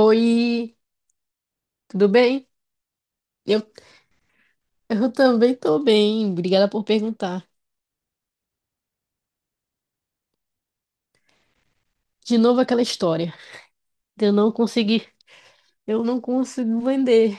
Oi, tudo bem? Eu, eu também tô bem, obrigada por perguntar. De novo aquela história de eu não conseguir, eu não consigo vender.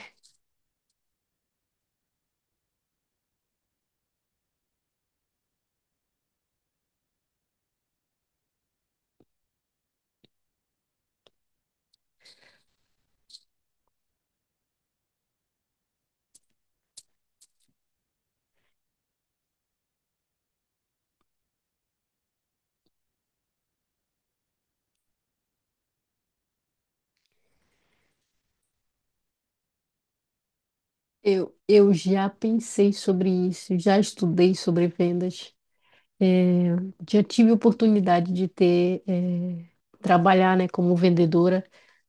Eu já pensei sobre isso, já estudei sobre vendas, já tive oportunidade de ter, trabalhar, né, como vendedora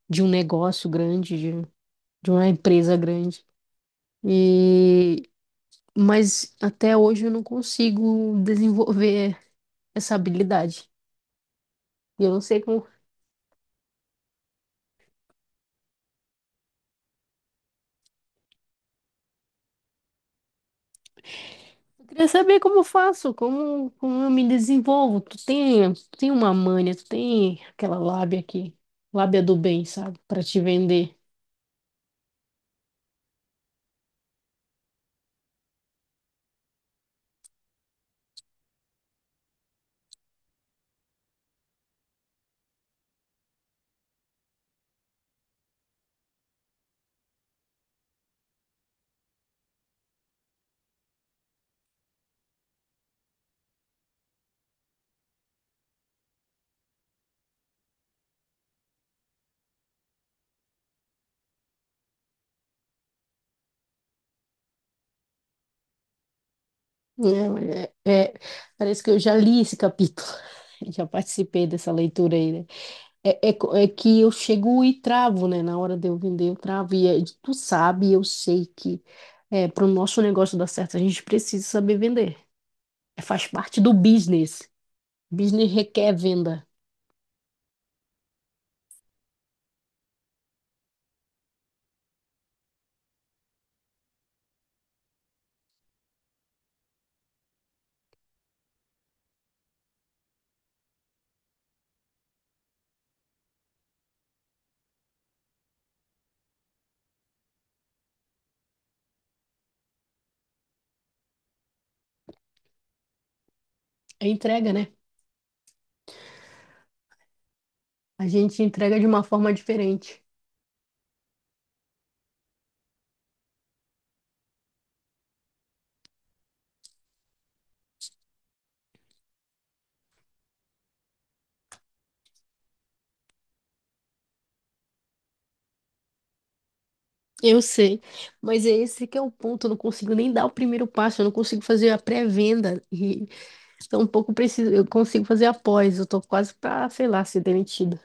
de um negócio grande, de uma empresa grande. E, mas até hoje eu não consigo desenvolver essa habilidade. E eu não sei como Queria saber como eu faço, como eu me desenvolvo. Tu tem uma manha, tu tem aquela lábia aqui, lábia do bem, sabe? Pra te vender. É, é- é, Parece que eu já li esse capítulo, já participei dessa leitura aí, né? É que eu chego e travo, né? Na hora de eu vender, eu travo. Tu sabe, eu sei que para o nosso negócio dar certo, a gente precisa saber vender. É, faz parte do business. Business requer venda. É entrega, né? A gente entrega de uma forma diferente. Eu sei, mas é esse que é o ponto. Eu não consigo nem dar o primeiro passo, eu não consigo fazer a pré-venda e tampouco preciso, eu consigo fazer a pós. Eu tô quase pra, sei lá, ser demitida.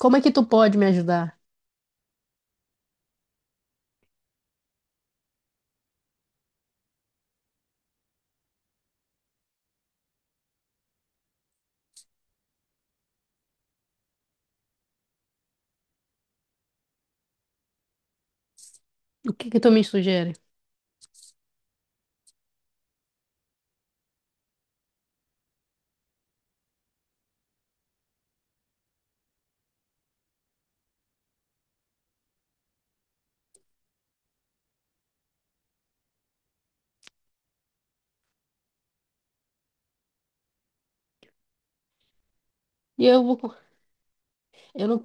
Como é que tu pode me ajudar? O que que tu me sugere? E eu vou, eu não,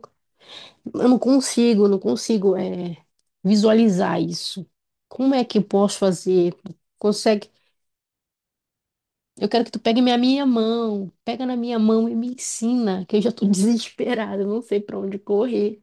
eu não consigo, visualizar isso. Como é que eu posso fazer? Consegue Eu quero que tu pegue minha mão, pega na minha mão e me ensina, que eu já tô desesperada, eu não sei pra onde correr.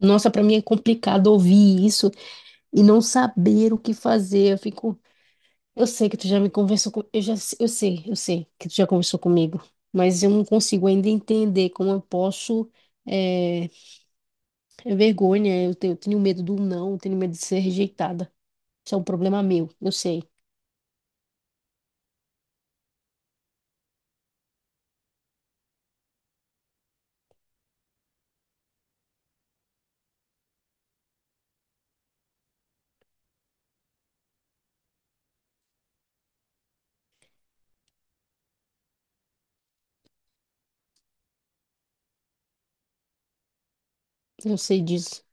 Nossa, pra mim é complicado ouvir isso e não saber o que fazer. Eu sei que tu já me conversou com, eu já, eu sei que tu já conversou comigo, mas eu não consigo ainda entender como eu posso. É, é vergonha, eu tenho medo do não, eu tenho medo de ser rejeitada. Isso é um problema meu, eu sei disso.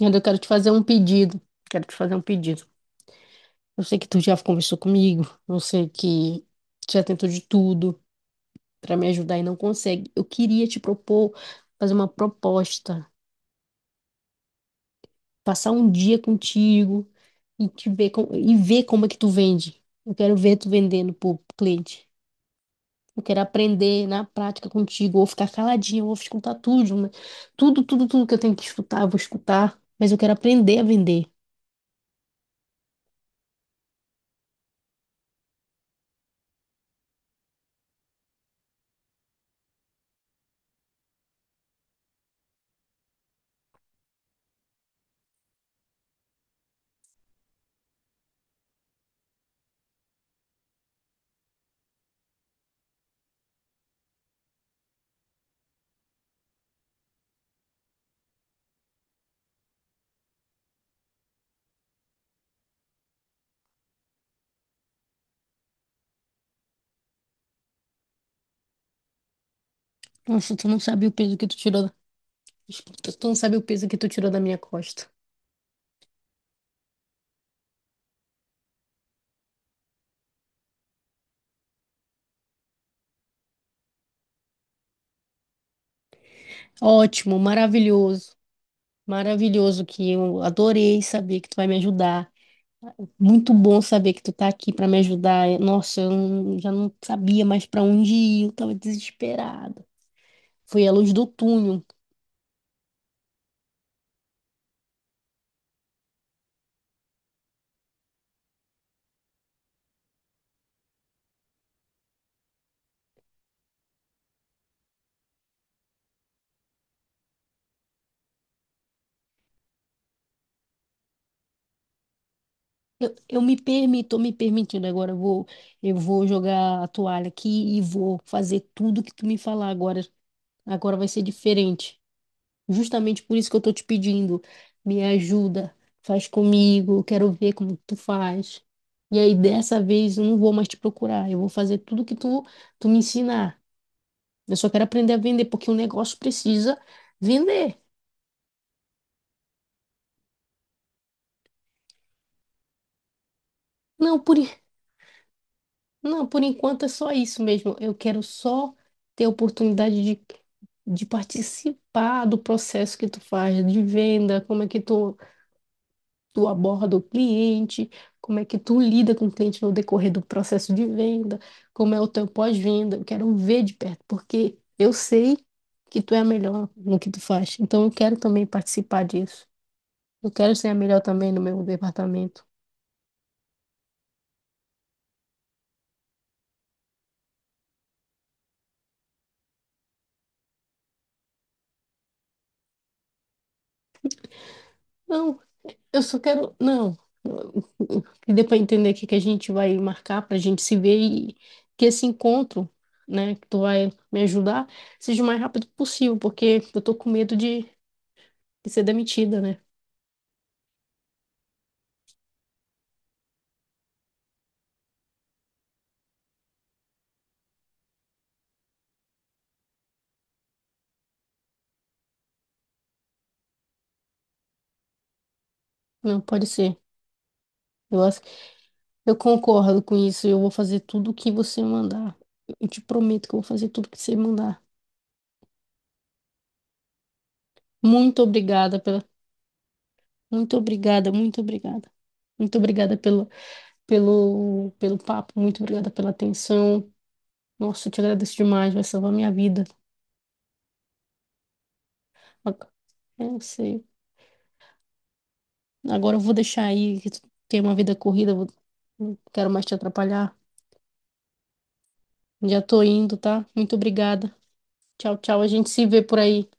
Ainda eu quero te fazer um pedido, quero te fazer um pedido. Eu sei que tu já conversou comigo, eu sei que tu já tentou de tudo pra me ajudar e não consegue. Eu queria te propor fazer uma proposta, passar um dia contigo e e ver como é que tu vende. Eu quero ver tu vendendo pro cliente. Eu quero aprender na prática contigo, ou ficar caladinha, ou escutar tudo, né? Tudo, tudo, tudo que eu tenho que escutar, eu vou escutar, mas eu quero aprender a vender. Nossa, tu não sabe o peso que tu tirou, da- tu não sabe o peso que tu tirou da minha costa. Ótimo, maravilhoso, maravilhoso que eu adorei saber que tu vai me ajudar. Muito bom saber que tu tá aqui para me ajudar. Nossa, eu não- já não sabia mais para onde ir, eu tava desesperada. Foi a luz do túnel. Eu me permito, tô me permitindo agora, eu vou jogar a toalha aqui e vou fazer tudo que tu me falar agora. Agora vai ser diferente. Justamente por isso que eu tô te pedindo, me ajuda, faz comigo, quero ver como tu faz. E aí dessa vez eu não vou mais te procurar, eu vou fazer tudo que tu me ensinar. Eu só quero aprender a vender porque o negócio precisa vender. Não, por en- não, por enquanto é só isso mesmo. Eu quero só ter a oportunidade de participar do processo que tu faz de venda, como é que tu aborda o cliente, como é que tu lida com o cliente no decorrer do processo de venda, como é o teu pós-venda. Eu quero ver de perto, porque eu sei que tu é a melhor no que tu faz. Então eu quero também participar disso. Eu quero ser a melhor também no meu departamento. Não, eu só quero. Não. Que dê para entender o que que a gente vai marcar para a gente se ver e que esse encontro, né, que tu vai me ajudar, seja o mais rápido possível, porque eu tô com medo de ser demitida, né? Não, pode ser. Eu acho, eu concordo com isso. Eu vou fazer tudo o que você mandar. Eu te prometo que eu vou fazer tudo o que você mandar. Muito obrigada pela, muito obrigada, muito obrigada. Muito obrigada pelo, pelo papo, muito obrigada pela atenção. Nossa, eu te agradeço demais, vai salvar minha vida. Ag- Eu sei. Agora eu vou deixar aí, que tu tem uma vida corrida, não quero mais te atrapalhar. Já tô indo, tá? Muito obrigada. Tchau, tchau. A gente se vê por aí.